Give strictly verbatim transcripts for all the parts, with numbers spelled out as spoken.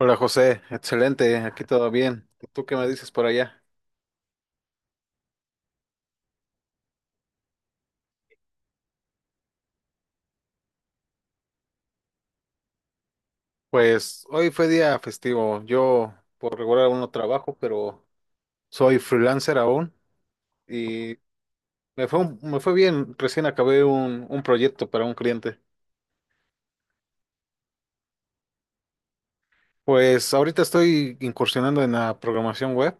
Hola José, excelente, aquí todo bien. ¿Tú qué me dices por allá? Pues hoy fue día festivo. Yo por regular aún no trabajo, pero soy freelancer aún y me fue, un- me fue bien. Recién acabé un, un proyecto para un cliente. Pues ahorita estoy incursionando en la programación web,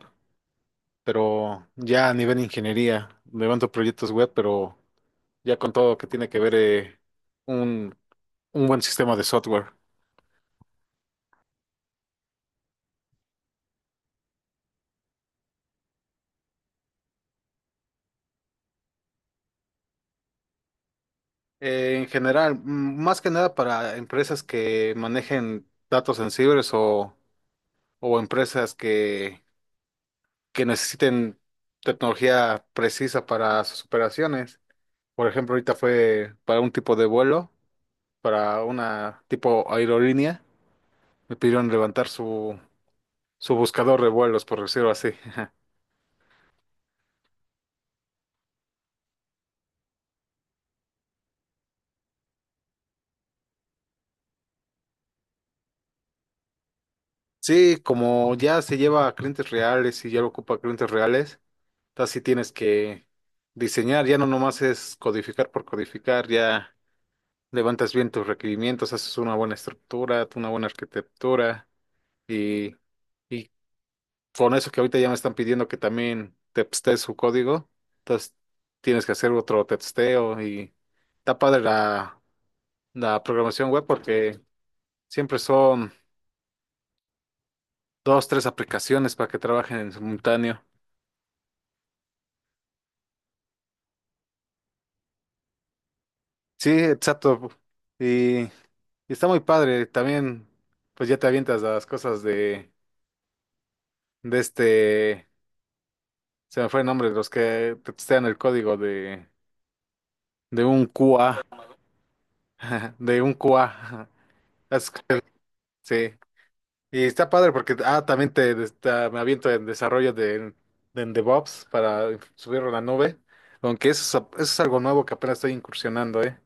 pero ya a nivel ingeniería. Levanto proyectos web, pero ya con todo lo que tiene que ver eh, un, un buen sistema de software. Eh, en general, mm, más que nada para empresas que manejen datos sensibles o, o empresas que, que necesiten tecnología precisa para sus operaciones. Por ejemplo, ahorita fue para un tipo de vuelo, para una tipo aerolínea, me pidieron levantar su, su buscador de vuelos, por decirlo así. Sí, como ya se lleva a clientes reales y ya lo ocupa clientes reales. Entonces sí tienes que diseñar, ya no nomás es codificar por codificar, ya levantas bien tus requerimientos, haces una buena estructura, una buena arquitectura y, y con eso que ahorita ya me están pidiendo que también testees su código, entonces tienes que hacer otro testeo y está padre la, la programación web porque siempre son dos, tres aplicaciones para que trabajen en simultáneo. Sí, exacto. Y, y está muy padre. También, pues ya te avientas a las cosas de, de este, se me fue el nombre, los que te testean el código de, de un Q A, de un Q A. Es que- Sí. Y está padre porque, ah, también te, está- me aviento en desarrollo de, de en DevOps para subirlo a la nube. Aunque eso es, eso es algo nuevo que apenas estoy incursionando, ¿eh?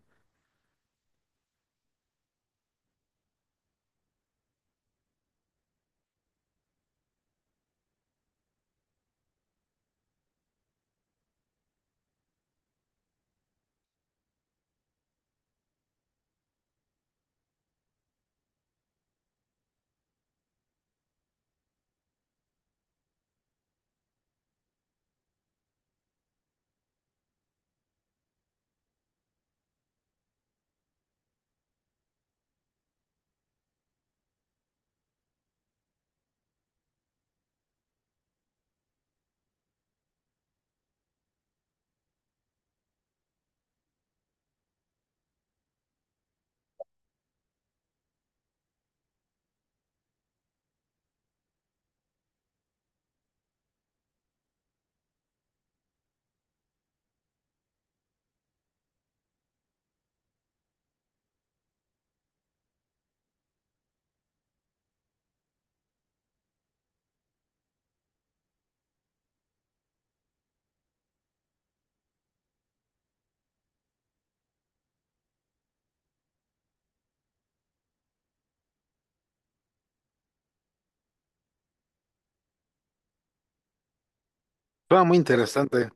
Suena muy interesante.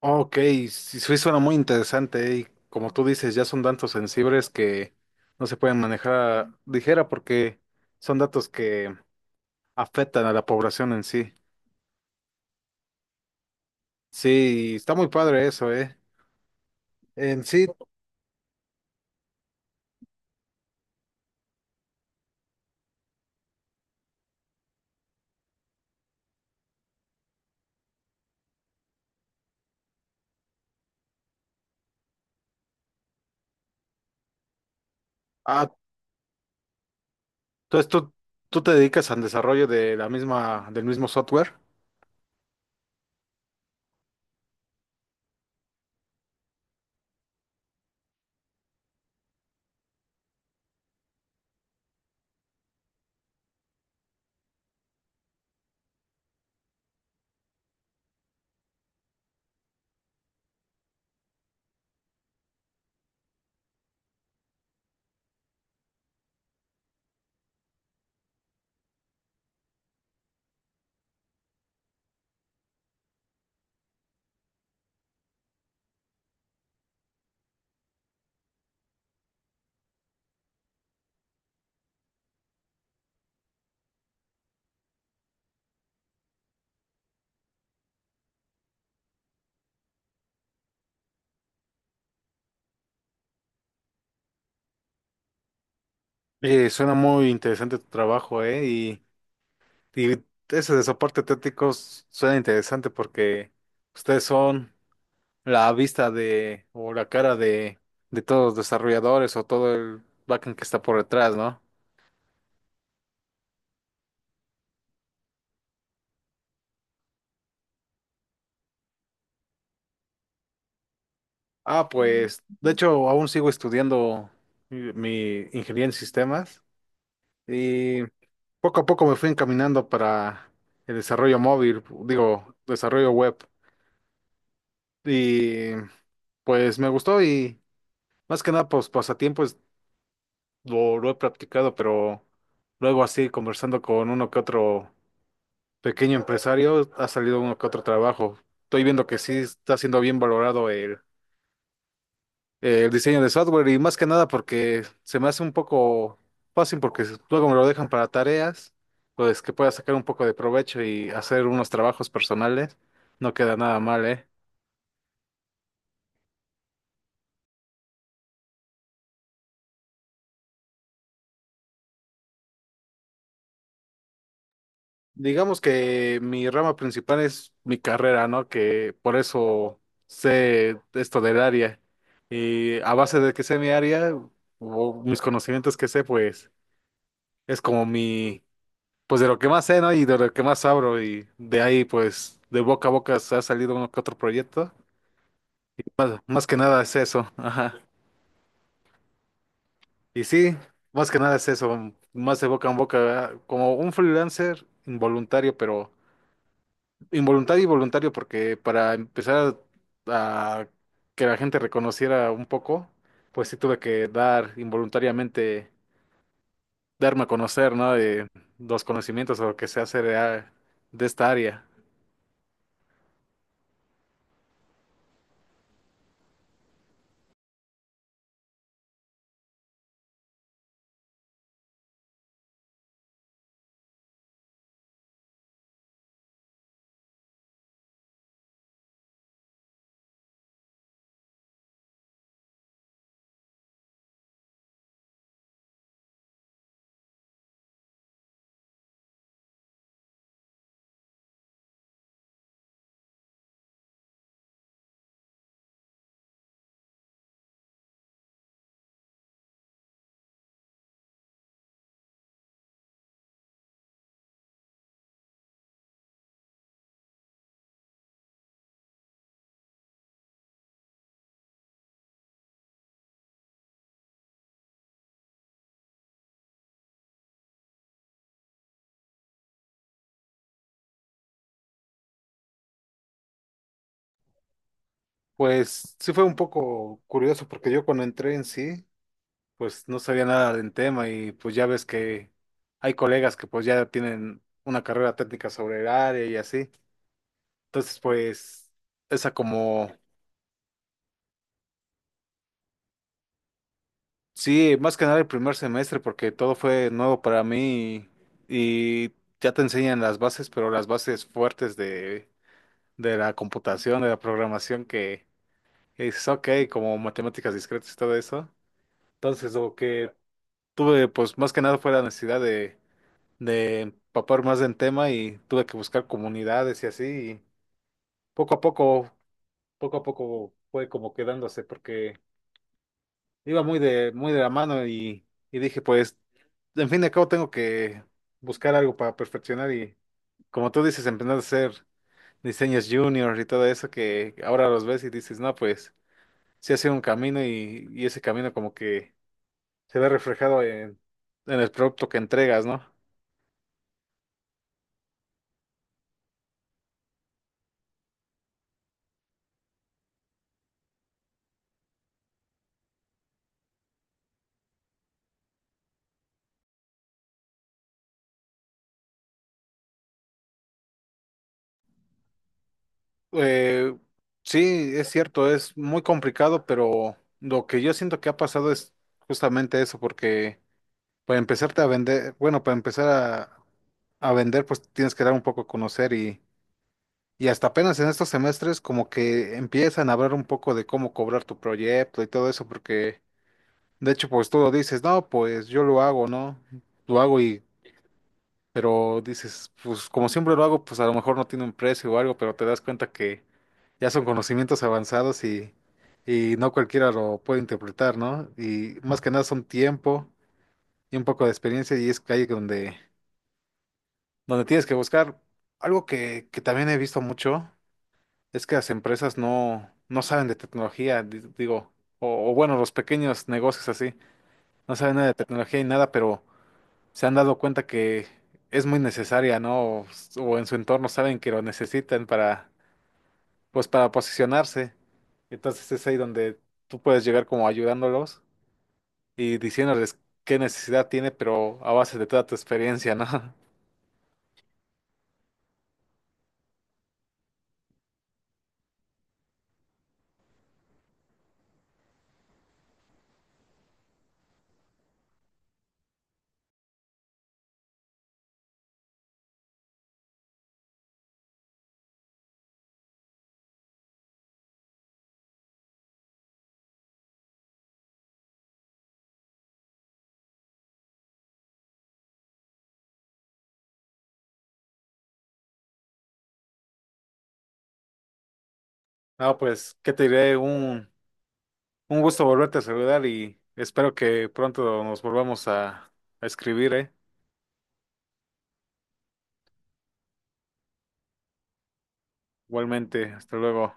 Oh, ok, sí, sí suena muy interesante y como tú dices, ya son datos sensibles que no se pueden manejar a ligera porque son datos que afectan a la población en sí. Sí, está muy padre eso, ¿eh? En sí, ah, entonces tú, tú te dedicas al desarrollo de la misma, del mismo software. Eh, suena muy interesante tu trabajo, ¿eh? Y, y ese de soporte técnico s- suena interesante porque ustedes son... la vista de o la cara de, de todos los desarrolladores o todo el backend que está por detrás, ¿no? Ah, mm, pues, de hecho, aún sigo estudiando mi mi ingeniería en sistemas y poco a poco me fui encaminando para el desarrollo móvil, digo, desarrollo web. Y pues me gustó y más que nada, pues pasatiempos lo, lo he practicado, pero luego así conversando con uno que otro pequeño empresario, ha salido uno que otro trabajo. Estoy viendo que sí está siendo bien valorado el, el diseño de software y más que nada porque se me hace un poco fácil porque luego me lo dejan para tareas, pues que pueda sacar un poco de provecho y hacer unos trabajos personales. No queda nada mal, ¿eh? Digamos que mi rama principal es mi carrera, ¿no? Que por eso sé esto del área. Y a base de que sé mi área o mis conocimientos que sé, pues es como mi, pues de lo que más sé, ¿no? Y de lo que más abro y de ahí, pues, de boca a boca se ha salido uno que otro proyecto. Más que nada es eso, ajá. Y sí, más que nada es eso, más de boca a boca, ¿verdad? Como un freelancer involuntario, pero involuntario y voluntario, porque para empezar a que la gente reconociera un poco, pues sí tuve que dar involuntariamente, darme a conocer, ¿no? De los conocimientos o lo que sé hacer de de esta área. Pues sí fue un poco curioso porque yo cuando entré en sí, pues no sabía nada del tema y pues ya ves que hay colegas que pues ya tienen una carrera técnica sobre el área y así. Entonces pues esa como, sí, más que nada el primer semestre porque todo fue nuevo para mí y, y ya te enseñan las bases, pero las bases fuertes de, de la computación, de la programación que es ok, como matemáticas discretas y todo eso. Entonces, lo que tuve pues más que nada fue la necesidad de, de empapar más en tema y tuve que buscar comunidades y así, y poco a poco, poco a poco fue como quedándose porque iba muy de, muy de la mano y, y dije pues, en fin de cabo tengo que buscar algo para perfeccionar y como tú dices, empezar a hacer diseños junior y todo eso que ahora los ves y dices, no, pues sí ha sido un camino y, y ese camino como que se ve reflejado en, en el producto que entregas, ¿no? Eh, sí, es cierto, es muy complicado, pero lo que yo siento que ha pasado es justamente eso, porque para empezarte a vender, bueno, para empezar a, a vender, pues tienes que dar un poco a conocer y, y hasta apenas en estos semestres como que empiezan a hablar un poco de cómo cobrar tu proyecto y todo eso, porque de hecho, pues tú lo dices, no, pues yo lo hago, ¿no? Lo hago y pero dices, pues como siempre lo hago, pues a lo mejor no tiene un precio o algo, pero te das cuenta que ya son conocimientos avanzados y, y no cualquiera lo puede interpretar, ¿no? Y más que nada son tiempo y un poco de experiencia y es que ahí donde, donde tienes que buscar. Algo que, que también he visto mucho es que las empresas no, no saben de tecnología, di- digo, o, o bueno, los pequeños negocios así, no saben nada de tecnología y nada, pero se han dado cuenta que es muy necesaria, ¿no? O, s- o en su entorno saben que lo necesitan para, pues para posicionarse. Entonces es ahí donde tú puedes llegar como ayudándolos y diciéndoles qué necesidad tiene, pero a base de toda tu experiencia, ¿no? No, pues, ¿qué te diré? Un, un gusto volverte a saludar y espero que pronto nos volvamos a, a escribir, ¿eh? Igualmente, hasta luego.